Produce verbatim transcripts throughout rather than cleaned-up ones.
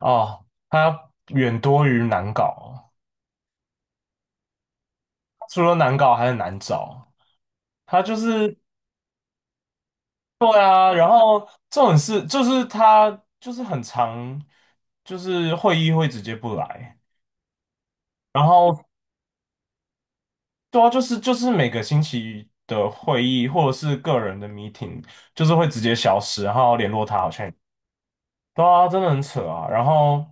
哦，它远多于难搞，除了难搞还很难找。它就是对啊，然后这种事就是它就是很常，就是会议会直接不来，然后对啊，就是就是每个星期的会议或者是个人的 meeting，就是会直接消失，然后联络他好像也对啊，真的很扯啊。然后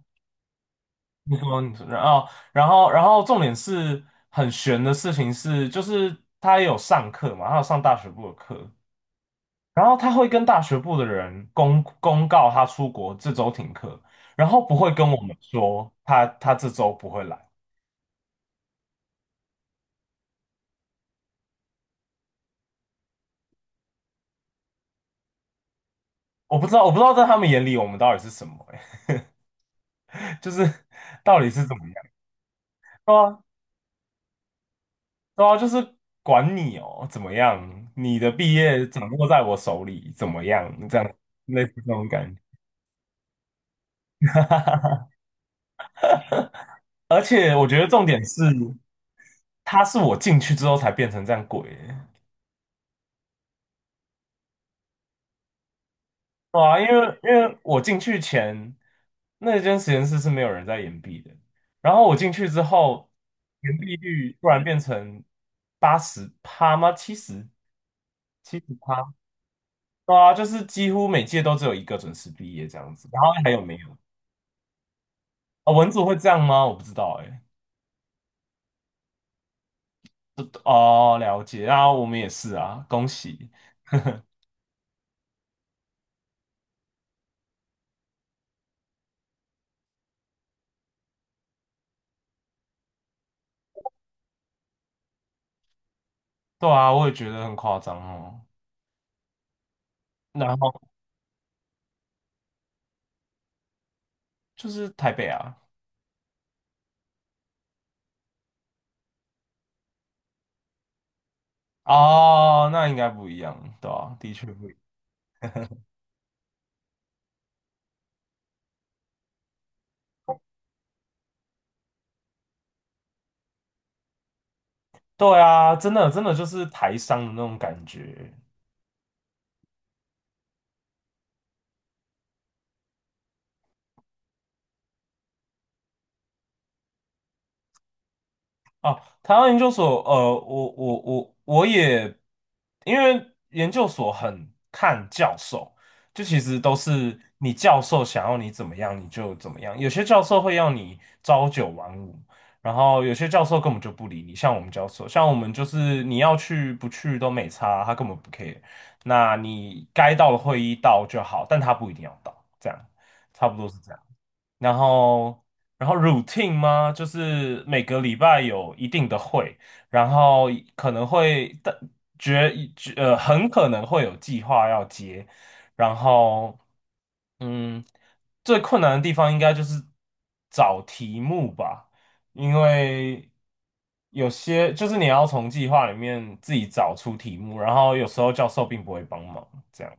你说，你说然后，然后，然后，重点是很悬的事情是，就是他也有上课嘛，他有上大学部的课，然后他会跟大学部的人公公告他出国这周停课，然后不会跟我们说他他这周不会来。我不知道，我不知道在他们眼里我们到底是什么、欸，就是到底是怎么样？对啊，对啊，就是管你哦，怎么样？你的毕业掌握在我手里，怎么样？这样类似这种感觉。而且我觉得重点是。他是我进去之后才变成这样鬼欸，对啊，因为因为我进去前那间实验室是没有人在延毕的，然后我进去之后，延毕率突然变成八十趴吗？七十七十趴，对啊，就是几乎每届都只有一个准时毕业这样子，然后还有没有啊？文组会这样吗？我不知道哎、哦，了解，然后我们也是啊，恭喜，对啊，我也觉得很夸张哦，然后就是台北啊。哦，那应该不一样，对啊，的确不一样。对啊，真的真的就是台商的那种感觉，哦，台湾研究所，呃，我我我我也，因为研究所很看教授，就其实都是你教授想要你怎么样你就怎么样，有些教授会要你朝九晚五，然后有些教授根本就不理你，像我们教授，像我们就是你要去不去都没差，他根本不 care,那你该到的会议到就好，但他不一定要到，这样差不多是这样。然后然后 routine 吗？就是每个礼拜有一定的会，然后可能会但决决呃很可能会有计划要接，然后嗯，最困难的地方应该就是找题目吧，因为。有些就是你要从计划里面自己找出题目，然后有时候教授并不会帮忙，这样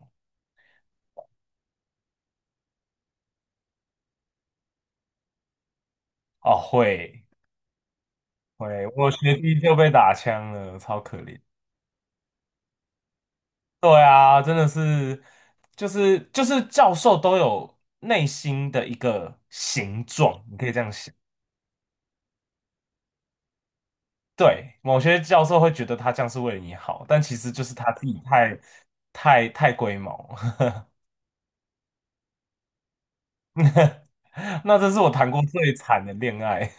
哦，会会，我学弟就被打枪了，超可怜。对啊，真的是，就是就是教授都有内心的一个形状，你可以这样想。对，某些教授会觉得他这样是为了你好，但其实就是他自己太太太龟毛。那这是我谈过最惨的恋爱，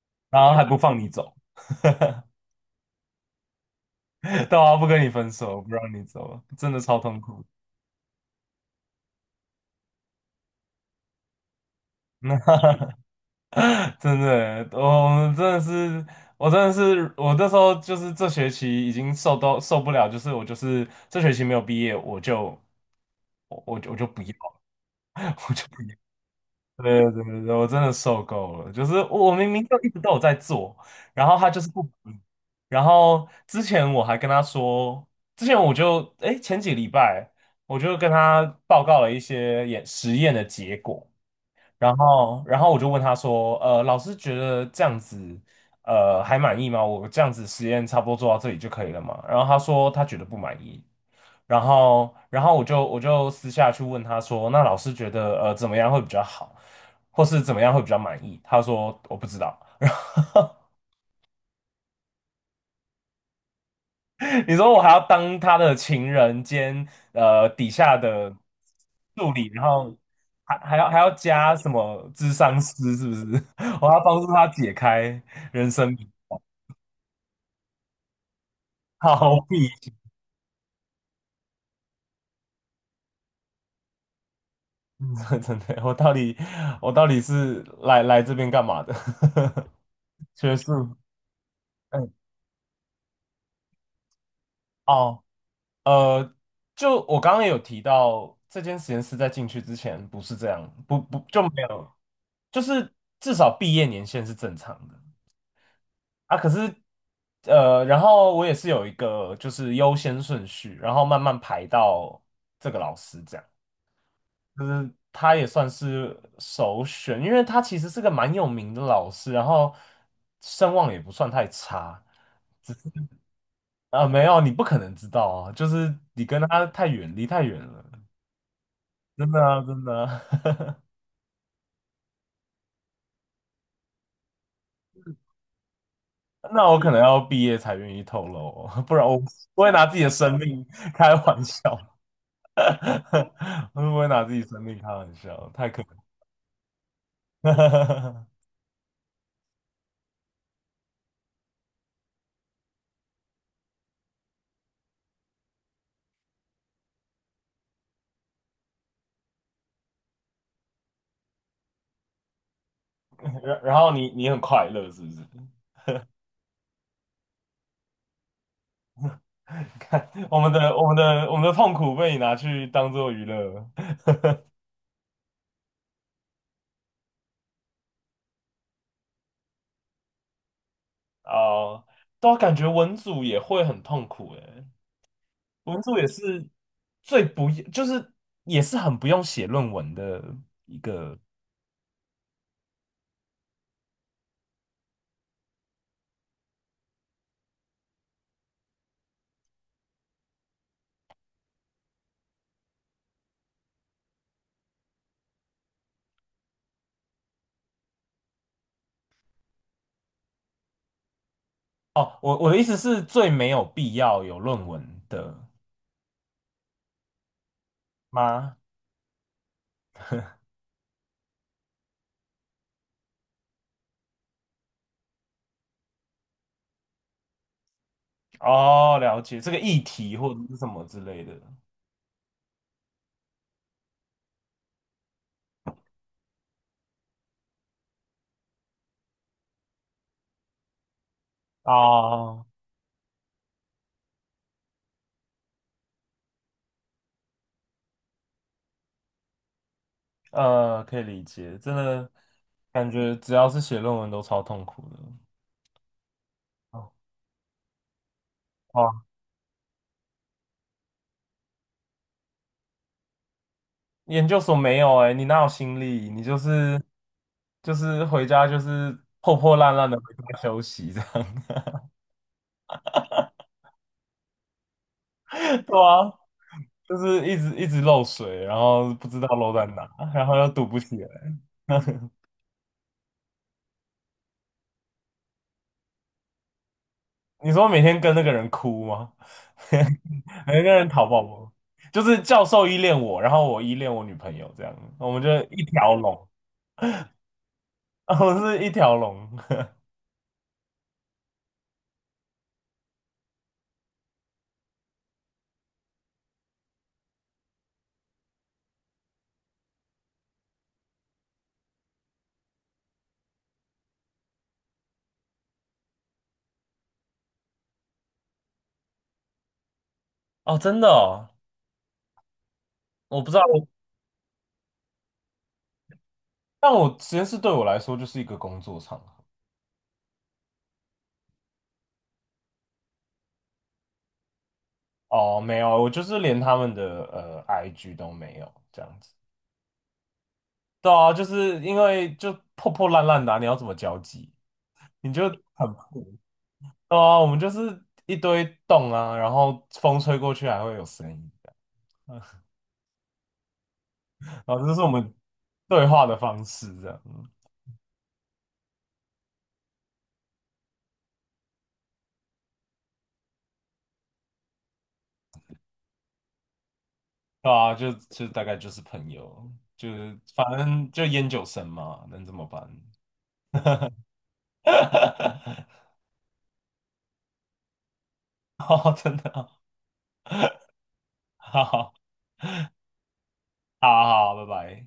然后还不放你走，对啊，不跟你分手，不让你走，真的超痛苦。真的欸，哦我真的是，我真的是，我那时候就是这学期已经受到受不了，就是我就是这学期没有毕业，我就我我就我就不要，我就不要。对对对对，我真的受够了，就是我明明就一直都有在做，然后他就是不理，然后之前我还跟他说，之前我就哎前几礼拜我就跟他报告了一些演实验的结果。然后，然后我就问他说，呃，老师觉得这样子，呃，还满意吗？我这样子实验差不多做到这里就可以了嘛？然后他说他觉得不满意。然后，然后我就我就私下去问他说，那老师觉得呃怎么样会比较好，或是怎么样会比较满意？他说我不知道。然后。你说我还要当他的情人兼呃底下的助理，然后还还要还要加什么智商师，是不是？我要帮助他解开人生谜好比，嗯真的，我到底我到底是来来这边干嘛的？学术，嗯，哦，呃，就我刚刚也有提到，这间实验室在进去之前不是这样，不不就没有，就是至少毕业年限是正常的。啊，可是呃，然后我也是有一个就是优先顺序，然后慢慢排到这个老师这样，就是他也算是首选，因为他其实是个蛮有名的老师，然后声望也不算太差啊，没有，你不可能知道啊，就是你跟他太远，离太远了，真的啊，真的啊 那我可能要毕业才愿意透露哦，不然我不会拿自己的生命开玩笑。会不会拿自己生命开玩笑？太可能了 然然后你你很快乐是不是？看我们的我们的我们的痛苦被你拿去当做娱乐了哦，都感觉文组也会很痛苦诶，文组也是最不就是也是很不用写论文的一个哦。我我的意思是最没有必要有论文的吗？哦，了解这个议题或者是什么之类的哦。呃，可以理解，真的感觉只要是写论文都超痛苦的。哦，哇研究所没有哎、你哪有心力？你就是就是回家就是破破烂烂的回家休息这样。对啊，就是一直一直漏水，然后不知道漏在哪，然后又堵不起来。你说每天跟那个人哭吗？每个人讨抱吗？就是教授依恋我，然后我依恋我女朋友这样，我们就一条龙，我们是一条龙。哦，真的哦，我不知道，我但我实验室对我来说就是一个工作场合。哦，没有，我就是连他们的呃 I G 都没有这样子。对啊，就是因为就破破烂烂的啊你要怎么交际？你就很破。对啊，我们就是一堆洞啊，然后风吹过去还会有声音，然后这是我们对话的方式，这样。对啊，就就大概就是朋友，就是反正就烟酒神嘛，能怎么办？哦，真的哦 好好好，好，拜拜。